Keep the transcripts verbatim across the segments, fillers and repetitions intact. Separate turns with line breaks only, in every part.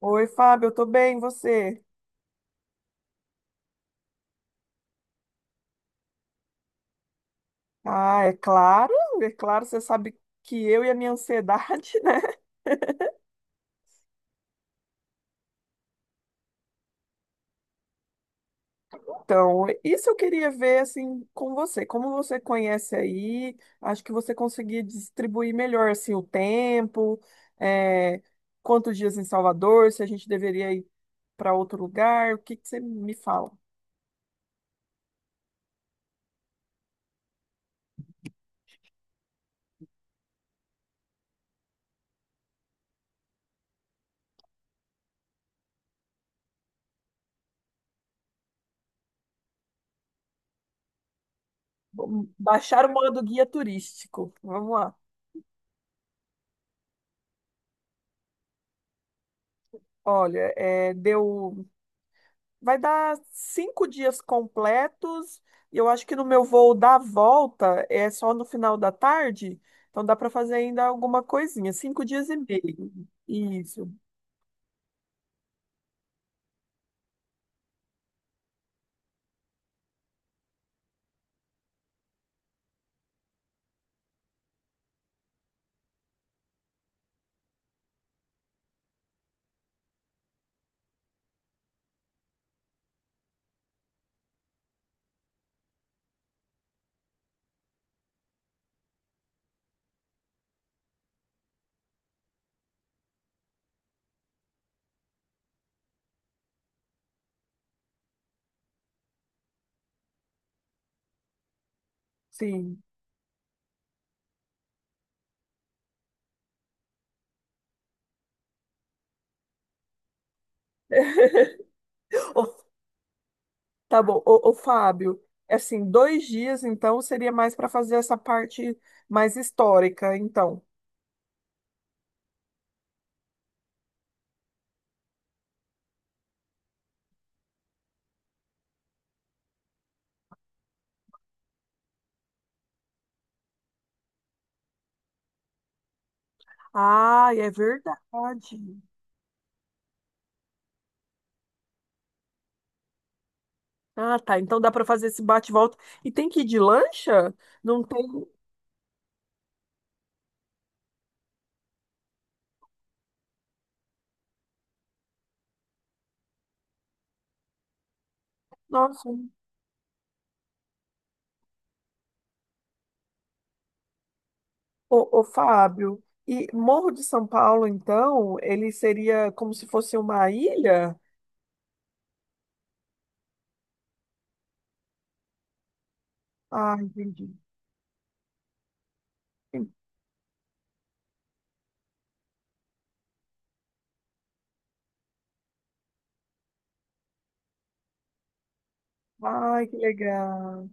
Oi, Fábio, eu tô bem, e você? Ah, é claro, é claro, você sabe que eu e a minha ansiedade, né? Então, isso eu queria ver assim com você. Como você conhece aí, acho que você conseguia distribuir melhor assim o tempo, é, quantos dias em Salvador, se a gente deveria ir para outro lugar, o que que você me fala? Vamos baixar o modo guia turístico. Vamos lá. Olha, é, deu. Vai dar cinco dias completos. E eu acho que no meu voo da volta é só no final da tarde. Então dá para fazer ainda alguma coisinha. Cinco dias e meio. Isso, sim. Ô, tá bom. Ô, ô, Fábio, é assim, dois dias então seria mais para fazer essa parte mais histórica, então. Ah, é verdade. Ah, tá. Então dá para fazer esse bate-volta. E tem que ir de lancha? Não tem. Nossa. Ô, ô, Fábio, e Morro de São Paulo, então, ele seria como se fosse uma ilha? Ah, entendi. Ai, que legal.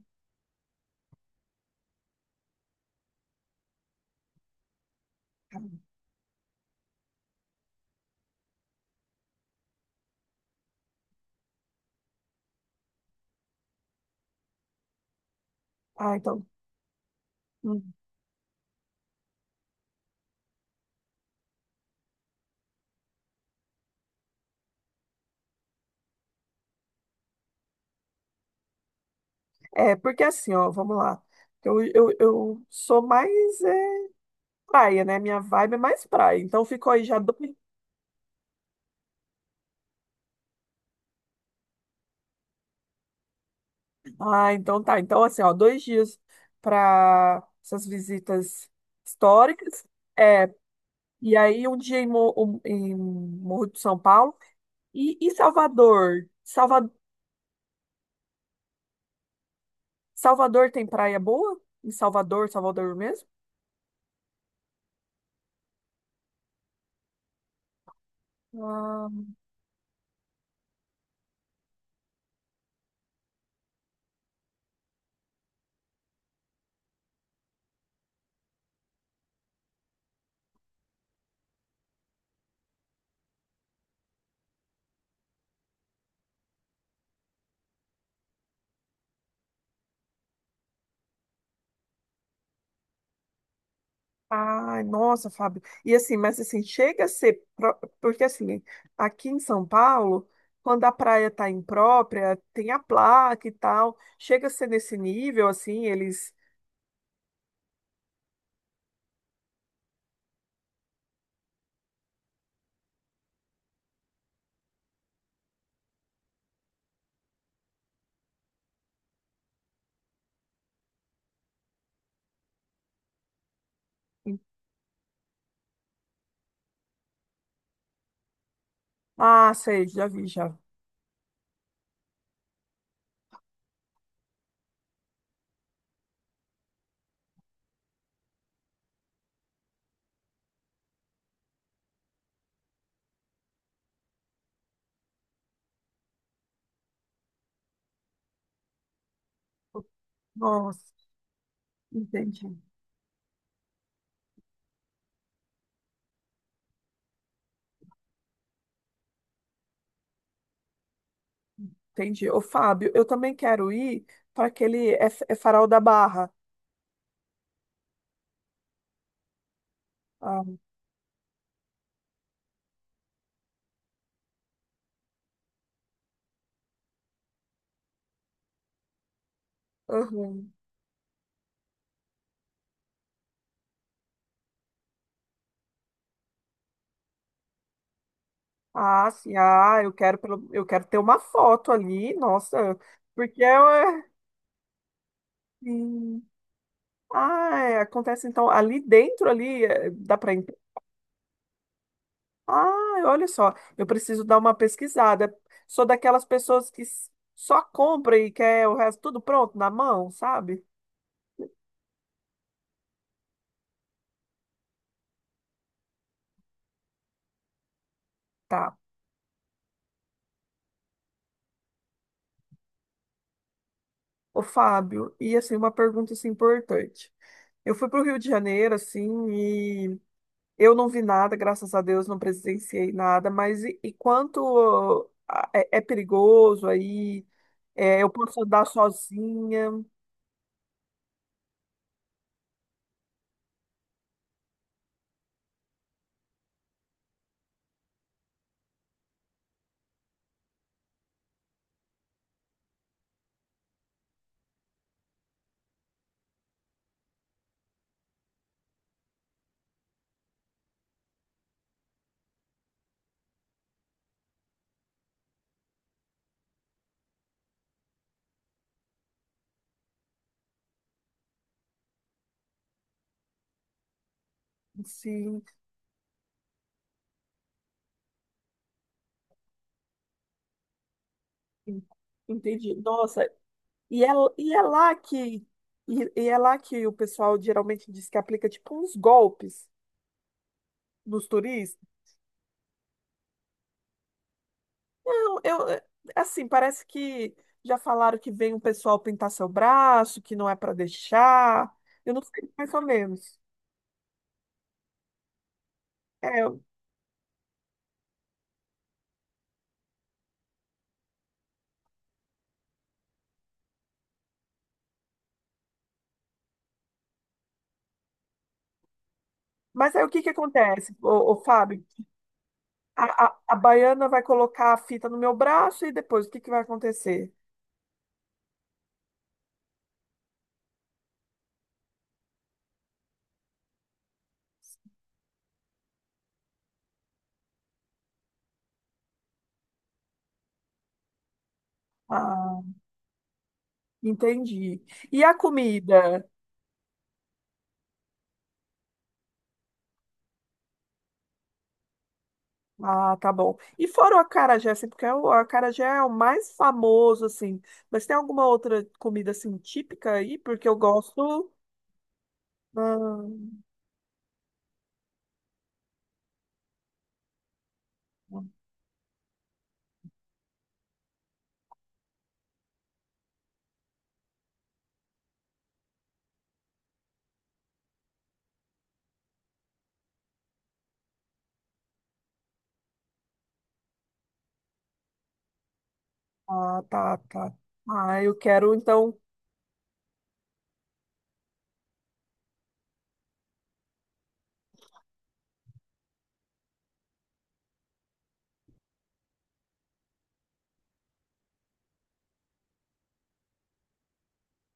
Ah, então. Hum. É, porque assim, ó, vamos lá. Eu, eu, eu sou mais é, praia, né? Minha vibe é mais praia. Então, ficou aí já dois. Ah, então tá. Então, assim, ó, dois dias para essas visitas históricas. É, e aí, um dia em, Mo- um- em Morro de São Paulo. E, e Salvador? Salva, Salvador tem praia boa? Em Salvador, Salvador mesmo? Ah, ai, nossa, Fábio. E assim, mas assim, chega a ser. pró- Porque assim, aqui em São Paulo, quando a praia tá imprópria, tem a placa e tal. Chega a ser nesse nível, assim, eles. Ah, sei, já vi, já. Nossa, entendi. Entendi. Ô, Fábio, eu também quero ir para aquele. É, é Farol da Barra. Ah, aham. Ah, sim, ah, eu quero, pelo, eu quero ter uma foto ali, nossa, porque eu, é, sim. Ah, é, acontece então ali dentro ali é, dá para entrar. Ah, olha só, eu preciso dar uma pesquisada. Sou daquelas pessoas que s- só compra e quer o resto tudo pronto na mão, sabe? Tá. Ô, Fábio, e assim uma pergunta assim, importante. Eu fui para o Rio de Janeiro assim. Eu não vi nada, graças a Deus, não presenciei nada, mas e, e quanto a- é, é perigoso aí, é, eu posso andar sozinha, sim, en- entendi. Nossa, e é, e é lá que e, e é lá que o pessoal geralmente diz que aplica tipo uns golpes nos turistas. Não, eu é, assim, parece que já falaram que vem um pessoal pintar seu braço, que não é para deixar. Eu não sei mais ou menos. Mas aí o que que acontece, ô, ô, Fábio? A, a, a baiana vai colocar a fita no meu braço e depois o que que vai acontecer? Ah, entendi. E a comida? Ah, tá bom. E fora o acarajé, assim, porque é o acarajé é o mais famoso, assim. Mas tem alguma outra comida, assim, típica aí? Porque eu gosto. Ah, ah, tá, tá. Ah, eu quero, então.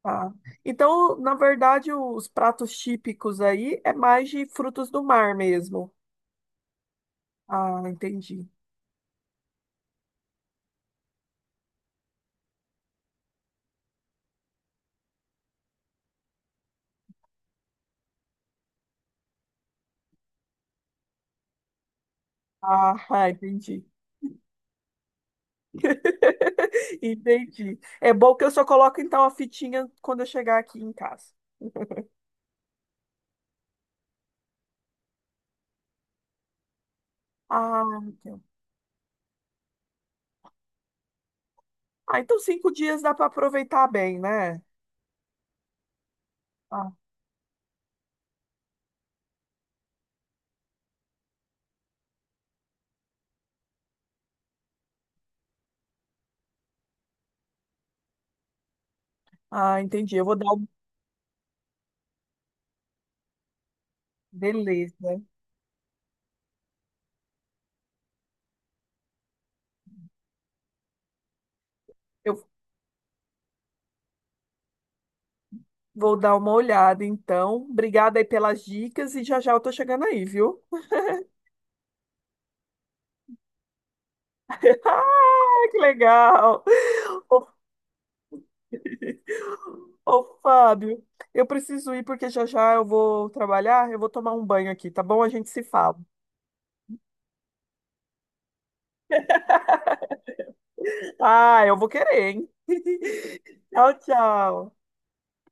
Tá. Então, na verdade, os pratos típicos aí é mais de frutos do mar mesmo. Ah, entendi. Ah, ah, entendi. Entendi. É bom que eu só coloco então a fitinha quando eu chegar aqui em casa. Ah, então. Ah, então cinco dias dá para aproveitar bem, né? Ah, ah, entendi. Eu vou dar um... Beleza. Eu vou dar uma olhada então. Obrigada aí pelas dicas e já já eu tô chegando aí, viu? Ah, que legal! Ô, Fábio, eu preciso ir porque já já eu vou trabalhar, eu vou tomar um banho aqui, tá bom? A gente se fala. Ah, eu vou querer, hein? Tchau, tchau.